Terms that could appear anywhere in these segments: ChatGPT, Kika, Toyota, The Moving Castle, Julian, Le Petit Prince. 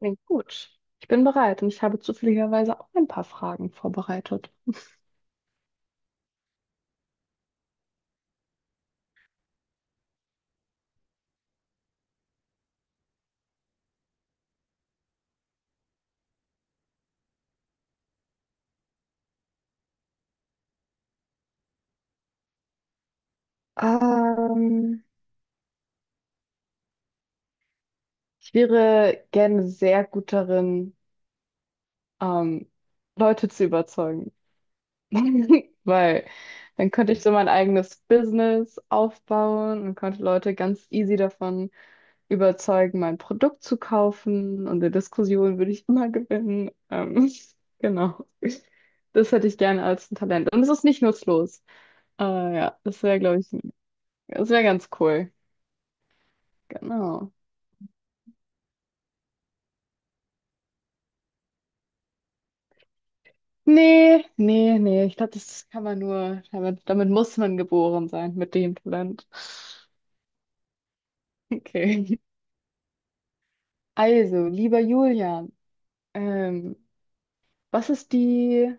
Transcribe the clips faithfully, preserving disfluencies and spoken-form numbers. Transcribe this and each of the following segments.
Klingt gut. Ich bin bereit und ich habe zufälligerweise auch ein paar Fragen vorbereitet. Ähm, Ich wäre gerne sehr gut darin, ähm, Leute zu überzeugen, weil dann könnte ich so mein eigenes Business aufbauen und könnte Leute ganz easy davon überzeugen, mein Produkt zu kaufen und in Diskussionen würde ich immer gewinnen. Ähm, genau. Das hätte ich gerne als ein Talent. Und es ist nicht nutzlos. Äh, ja, das wäre, glaube ich, das wäre ganz cool. Genau. Nee, nee, nee. Ich glaube, das kann man nur, damit, damit muss man geboren sein, mit dem Talent. Okay. Also, lieber Julian, ähm, was ist die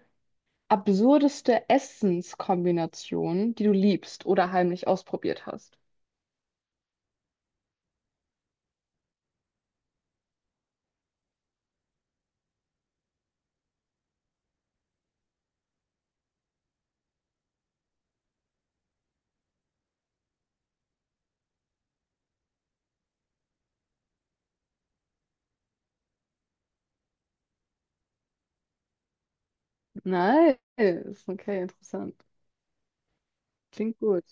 absurdeste Essenskombination, die du liebst oder heimlich ausprobiert hast? Nice. Okay, interessant. Klingt gut.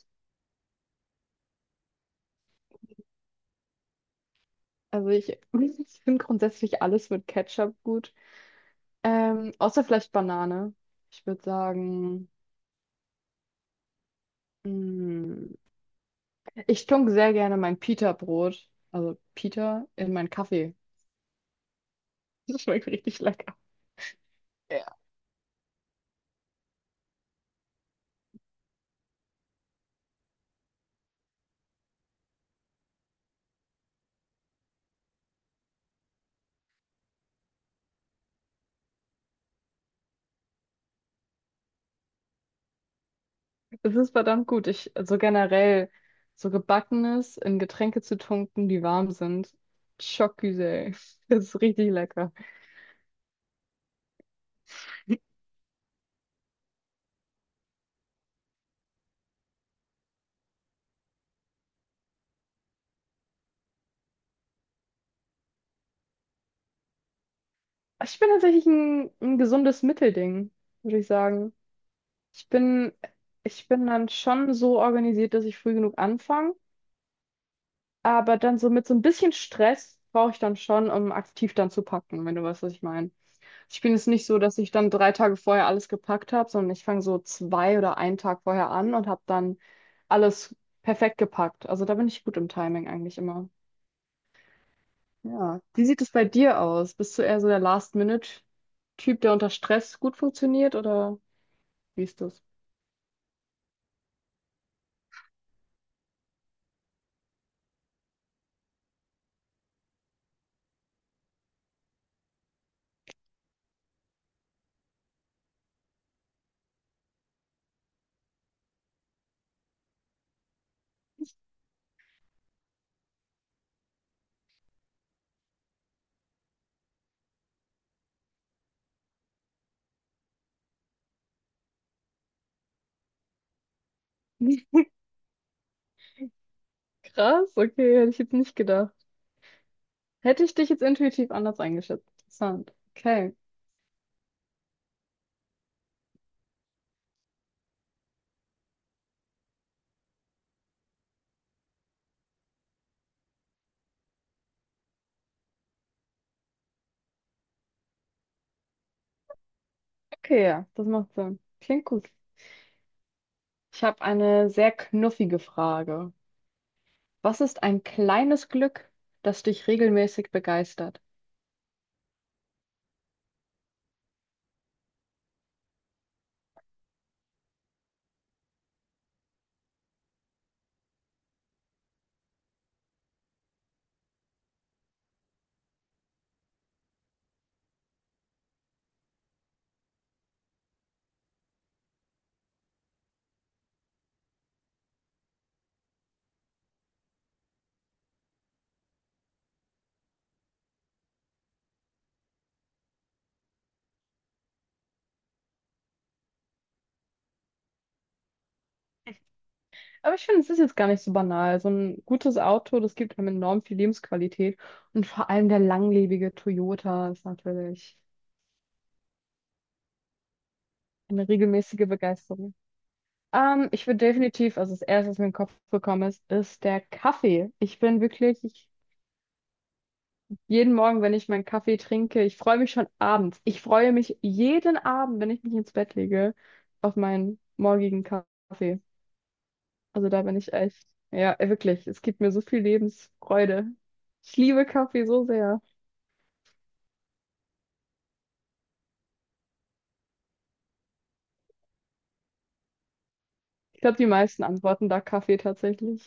Also ich, ich finde grundsätzlich alles mit Ketchup gut. Ähm, außer vielleicht Banane. Ich würde sagen. Mm. Ich tunke sehr gerne mein Pita-Brot, also Pita, in meinen Kaffee. Das schmeckt richtig lecker. Ja. Es ist verdammt gut. Ich, also generell, so Gebackenes in Getränke zu tunken, die warm sind. Schockgüsel. Das ist richtig lecker. Ich bin tatsächlich ein, ein gesundes Mittelding, würde ich sagen. Ich bin, ich bin dann schon so organisiert, dass ich früh genug anfange, aber dann so mit so ein bisschen Stress brauche ich dann schon, um aktiv dann zu packen, wenn du weißt, was ich meine. Ich bin jetzt nicht so, dass ich dann drei Tage vorher alles gepackt habe, sondern ich fange so zwei oder einen Tag vorher an und habe dann alles perfekt gepackt. Also da bin ich gut im Timing eigentlich immer. Ja. Wie sieht es bei dir aus? Bist du eher so der Last-Minute-Typ, der unter Stress gut funktioniert oder wie ist das? Krass, okay, hätte ich jetzt nicht gedacht. Hätte ich dich jetzt intuitiv anders eingeschätzt. Interessant. Okay. Okay, ja, das macht Sinn. Klingt gut. Ich habe eine sehr knuffige Frage. Was ist ein kleines Glück, das dich regelmäßig begeistert? Aber ich finde, es ist jetzt gar nicht so banal. So ein gutes Auto, das gibt einem enorm viel Lebensqualität. Und vor allem der langlebige Toyota ist natürlich eine regelmäßige Begeisterung. Ähm, ich würde definitiv, also das Erste, was mir in den Kopf gekommen ist, ist der Kaffee. Ich bin wirklich, ich, jeden Morgen, wenn ich meinen Kaffee trinke, ich freue mich schon abends. Ich freue mich jeden Abend, wenn ich mich ins Bett lege, auf meinen morgigen Kaffee. Also da bin ich echt, ja, wirklich, es gibt mir so viel Lebensfreude. Ich liebe Kaffee so sehr. Ich glaube, die meisten antworten da Kaffee tatsächlich.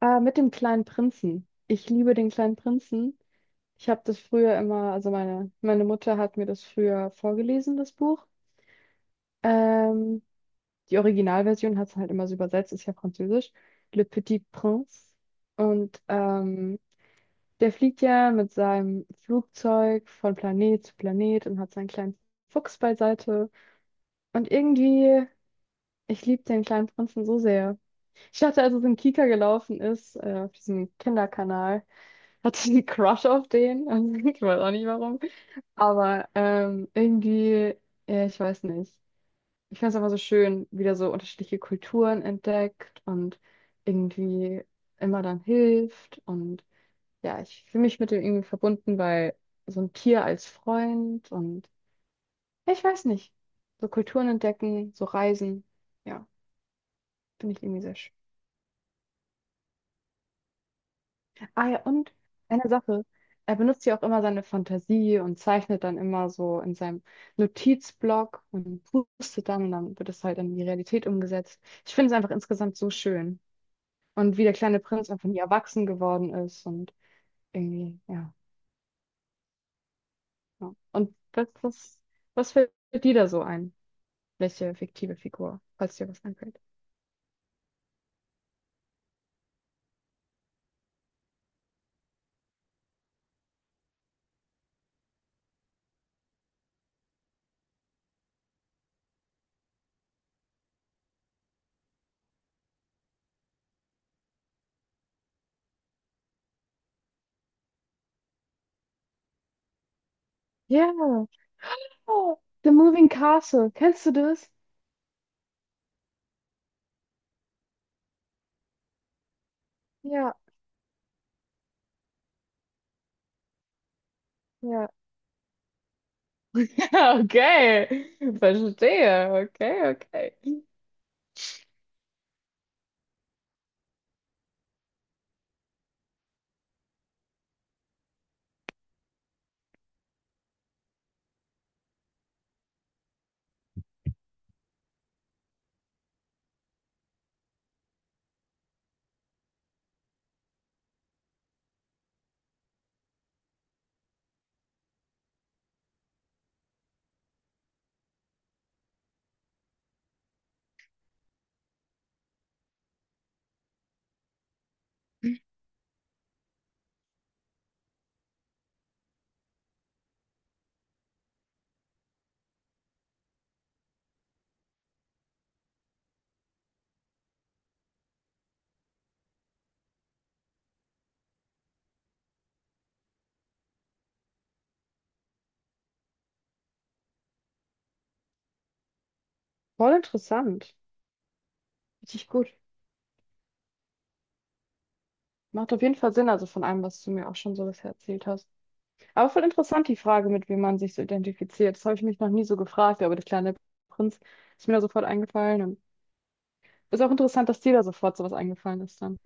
Äh, mit dem kleinen Prinzen. Ich liebe den kleinen Prinzen. Ich habe das früher immer, also meine, meine Mutter hat mir das früher vorgelesen, das Buch. Ähm, Die Originalversion hat es halt immer so übersetzt, ist ja französisch. Le Petit Prince. Und ähm, der fliegt ja mit seinem Flugzeug von Planet zu Planet und hat seinen kleinen Fuchs beiseite. Und irgendwie, ich liebe den kleinen Prinzen so sehr. Ich dachte, als es in Kika gelaufen ist, äh, auf diesem Kinderkanal, hatte ich einen Crush auf den. Also, ich weiß auch nicht warum. Aber ähm, irgendwie, ja, ich weiß nicht. Ich finde es einfach so schön, wieder so unterschiedliche Kulturen entdeckt und irgendwie immer dann hilft und ja, ich fühle mich mit dem irgendwie verbunden, weil so ein Tier als Freund und ja, ich weiß nicht, so Kulturen entdecken, so Reisen, ja, finde ich irgendwie sehr schön. Ah ja, und eine Sache, er benutzt ja auch immer seine Fantasie und zeichnet dann immer so in seinem Notizblock und pustet dann und dann wird es halt in die Realität umgesetzt. Ich finde es einfach insgesamt so schön. Und wie der kleine Prinz einfach nie erwachsen geworden ist und irgendwie, ja. Ja. Und was, was, was fällt dir da so ein? Welche fiktive Figur, falls dir was einfällt. Ja. Oh, The Moving Castle. Kennst du das? Ja, ja. Okay, verstehe. Okay, okay. Voll interessant. Richtig gut. Macht auf jeden Fall Sinn, also von allem, was du mir auch schon so bisher erzählt hast. Aber voll interessant die Frage, mit wem man sich so identifiziert. Das habe ich mich noch nie so gefragt, aber der kleine Prinz ist mir da sofort eingefallen. Und ist auch interessant, dass dir da sofort sowas eingefallen ist dann.